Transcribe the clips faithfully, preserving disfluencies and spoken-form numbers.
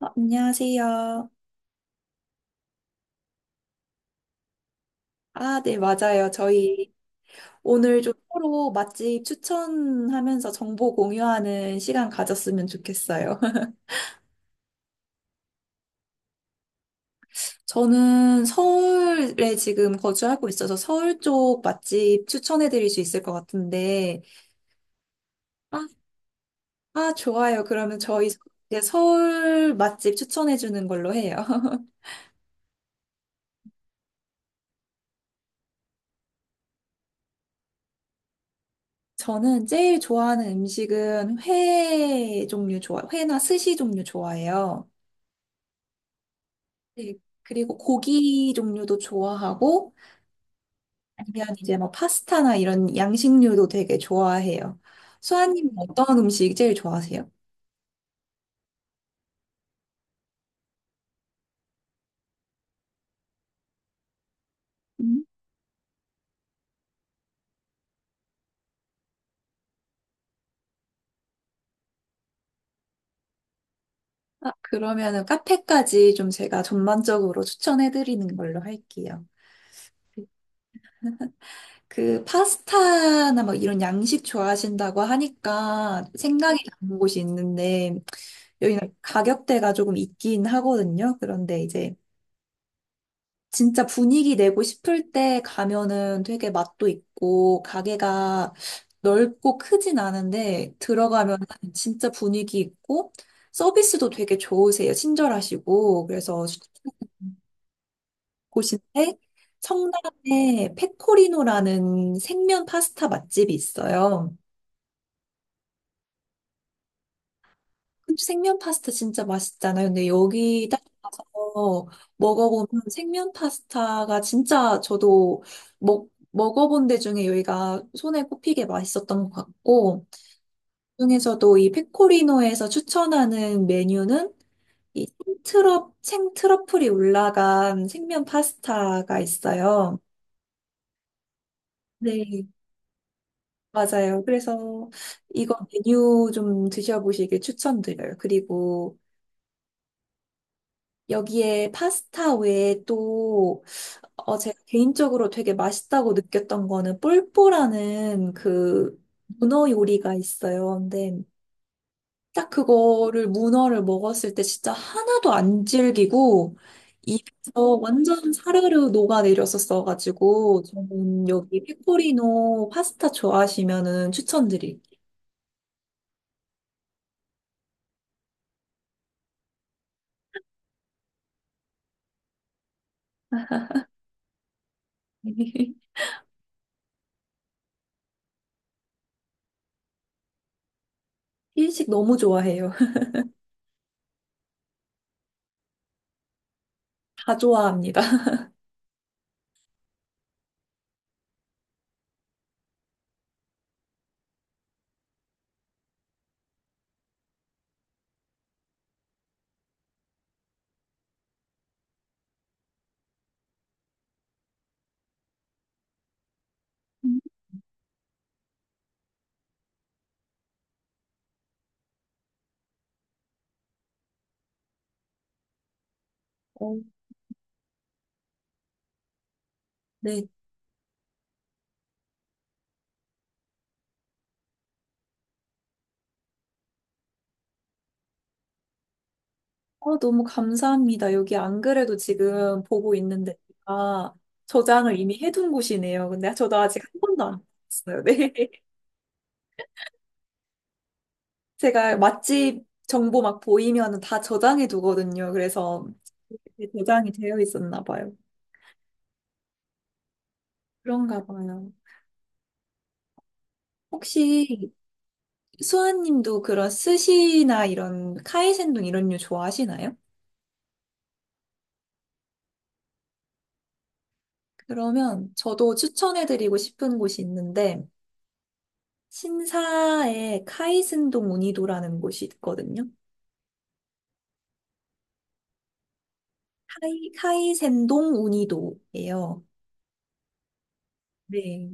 아, 안녕하세요. 아, 네, 맞아요. 저희 오늘 좀 서로 맛집 추천하면서 정보 공유하는 시간 가졌으면 좋겠어요. 저는 서울에 지금 거주하고 있어서 서울 쪽 맛집 추천해 드릴 수 있을 것 같은데, 아, 아, 좋아요. 그러면 저희 이제 서울 맛집 추천해 주는 걸로 해요. 저는 제일 좋아하는 음식은 회 종류 좋아, 회나 스시 종류 좋아해요. 네, 그리고 고기 종류도 좋아하고 아니면 이제 뭐 파스타나 이런 양식류도 되게 좋아해요. 수아님은 어떤 음식 제일 좋아하세요? 음. 아, 그러면은 카페까지 좀 제가 전반적으로 추천해드리는 걸로 할게요. 그 파스타나 뭐 이런 양식 좋아하신다고 하니까 생각이 나는 곳이 있는데 여기는 가격대가 조금 있긴 하거든요. 그런데 이제 진짜 분위기 내고 싶을 때 가면은 되게 맛도 있고, 가게가 넓고 크진 않은데, 들어가면 진짜 분위기 있고, 서비스도 되게 좋으세요. 친절하시고. 그래서 곳인데, 성남에 페코리노라는 생면 파스타 맛집이 있어요. 그치, 생면 파스타 진짜 맛있잖아요. 근데 여기 딱 가서 먹어보면 생면 파스타가 진짜 저도 먹, 먹어본 데 중에 여기가 손에 꼽히게 맛있었던 것 같고, 그중에서도 이 페코리노에서 추천하는 메뉴는 이 생트러, 생트러플이 올라간 생면 파스타가 있어요. 네, 맞아요. 그래서 이거 메뉴 좀 드셔보시길 추천드려요. 그리고 여기에 파스타 외에 또, 어, 제가 개인적으로 되게 맛있다고 느꼈던 거는 뽈뽀라는 그 문어 요리가 있어요. 근데 딱 그거를 문어를 먹었을 때 진짜 하나도 안 질기고 입에서 완전 사르르 녹아내렸었어가지고 저는 여기 페코리노 파스타 좋아하시면은 추천드릴게요. 일식 너무 좋아해요. 다 좋아합니다. 어, 네. 어, 너무 감사합니다. 여기 안 그래도 지금 보고 있는데, 아, 저장을 이미 해둔 곳이네요. 근데 저도 아직 한 번도 안 봤어요. 네. 제가 맛집 정보 막 보이면 다 저장해 두거든요. 그래서 이게 저장이 되어 있었나 봐요. 그런가 봐요. 혹시 수아님도 그런 스시나 이런 카이센동 이런 류 좋아하시나요? 그러면 저도 추천해드리고 싶은 곳이 있는데, 신사에 카이센동 우니도라는 곳이 있거든요. 카이, 카이센동 우니도예요. 네.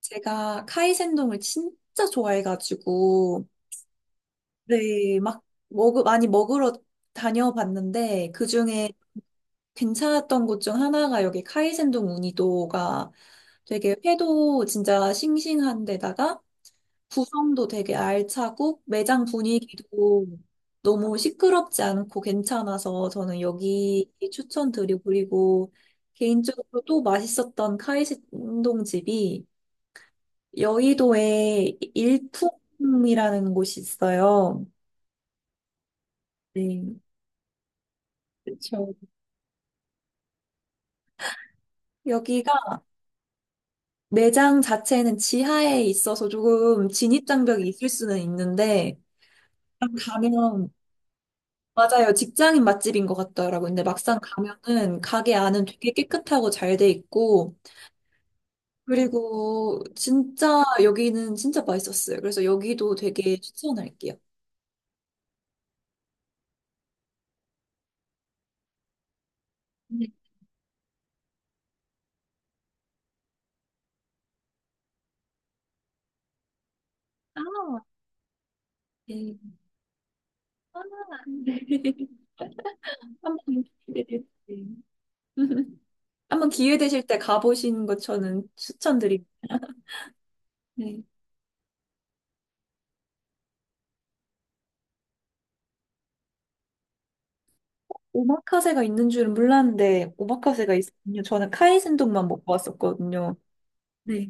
제가 카이센동을 진짜 좋아해가지고, 네, 막, 먹, 많이 먹으러 다녀봤는데, 그중에 괜찮았던 곳 중 하나가 여기 카이센동 우니도가 되게 회도 진짜 싱싱한 데다가 구성도 되게 알차고 매장 분위기도 너무 시끄럽지 않고 괜찮아서 저는 여기 추천드리고 그리고 개인적으로 또 맛있었던 카이신동 집이 여의도에 일품이라는 곳이 있어요. 네. 그렇죠. 여기가 매장 자체는 지하에 있어서 조금 진입장벽이 있을 수는 있는데 가면 맞아요. 직장인 맛집인 것 같더라고요. 근데 막상 가면은 가게 안은 되게 깨끗하고 잘 돼 있고, 그리고 진짜 여기는 진짜 맛있었어요. 그래서 여기도 되게 추천할게요. 네. 아, 네. 아, 네. 한번 기회 되실 때. 한번 기회 되실 때 가보시는 것 저는 추천드립니다. 네. 오마카세가 있는 줄은 몰랐는데 오마카세가 있군요. 저는 카이센동만 먹고 왔었거든요. 네.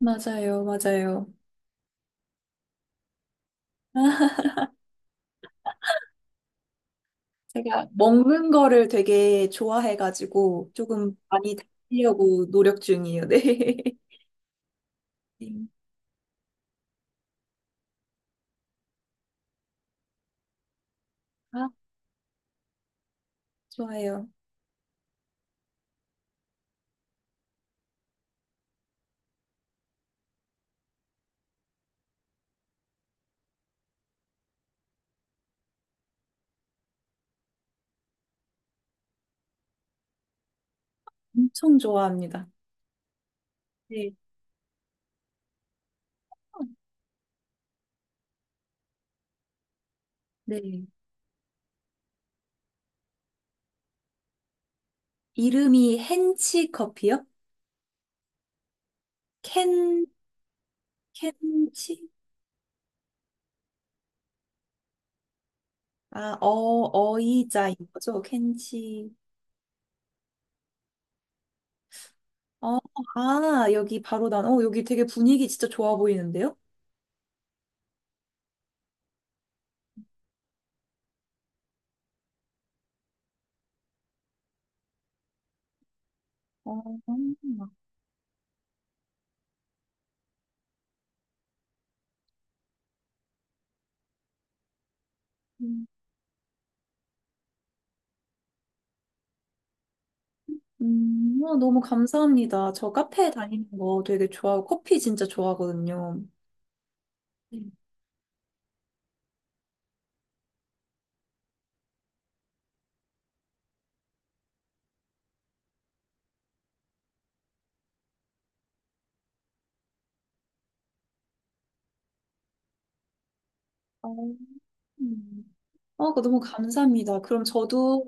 맞아요, 맞아요. 제가 먹는 거를 되게 좋아해가지고 조금 많이 다니려고 노력 중이에요. 네. 네. 아, 좋아요. 엄청 좋아합니다. 네. 네. 이름이 헨치 커피요? 켄, 켄치? 아, 어, 어이자인 거죠? 켄치. 어, 아, 여기 바로 난, 어, 여기 되게 분위기 진짜 좋아 보이는데요? 어, 음. 음, 아, 너무 감사합니다. 저 카페 다니는 거 되게 좋아하고 커피 진짜 좋아하거든요. 네. 어, 음. 어, 그거 너무 감사합니다. 그럼 저도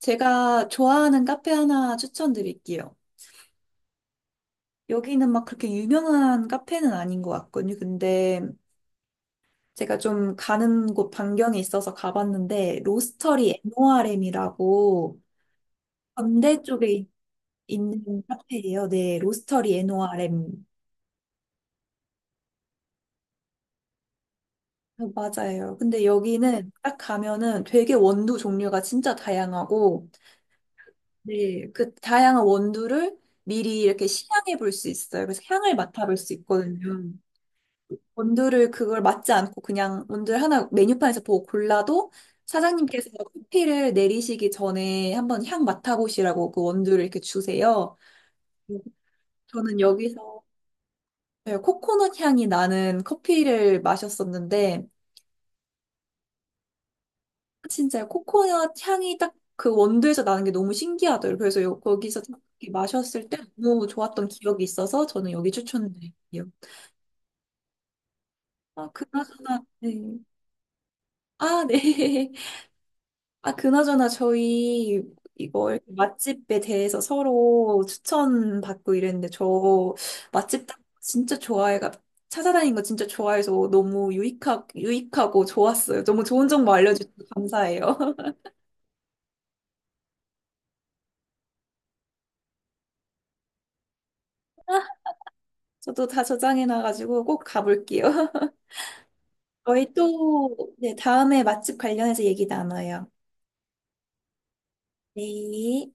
제가 좋아하는 카페 하나 추천드릴게요. 여기는 막 그렇게 유명한 카페는 아닌 것 같거든요. 근데 제가 좀 가는 곳 반경에 있어서 가봤는데 로스터리 엔오알엠이라고 건대 쪽에 있는 카페예요. 네, 로스터리 엔오알엠. 아, 맞아요. 근데 여기는 딱 가면은 되게 원두 종류가 진짜 다양하고, 네. 그 다양한 원두를 미리 이렇게 시향해 볼 수 있어요. 그래서 향을 맡아볼 수 있거든요. 원두를 그걸 맡지 않고 그냥 원두를 하나 메뉴판에서 보고 골라도 사장님께서 커피를 내리시기 전에 한번 향 맡아보시라고 그 원두를 이렇게 주세요. 저는 여기서 네, 코코넛 향이 나는 커피를 마셨었는데, 진짜 코코넛 향이 딱 그 원두에서 나는 게 너무 신기하더라고요. 그래서 요- 거기서 딱 이렇게 마셨을 때 너무 좋았던 기억이 있어서 저는 여기 추천드릴게요. 아, 그나저나, 네. 아, 네. 아, 그나저나 저희 이거 이렇게 맛집에 대해서 서로 추천받고 이랬는데 저 맛집 딱 진짜 좋아해가 찾아다니는 거 진짜 좋아해서 너무 유익하, 유익하고 좋았어요. 너무 좋은 정보 알려주셔서 감사해요. 저도 다 저장해놔가지고 꼭 가볼게요. 저희 또, 네, 다음에 맛집 관련해서 얘기 나눠요. 네.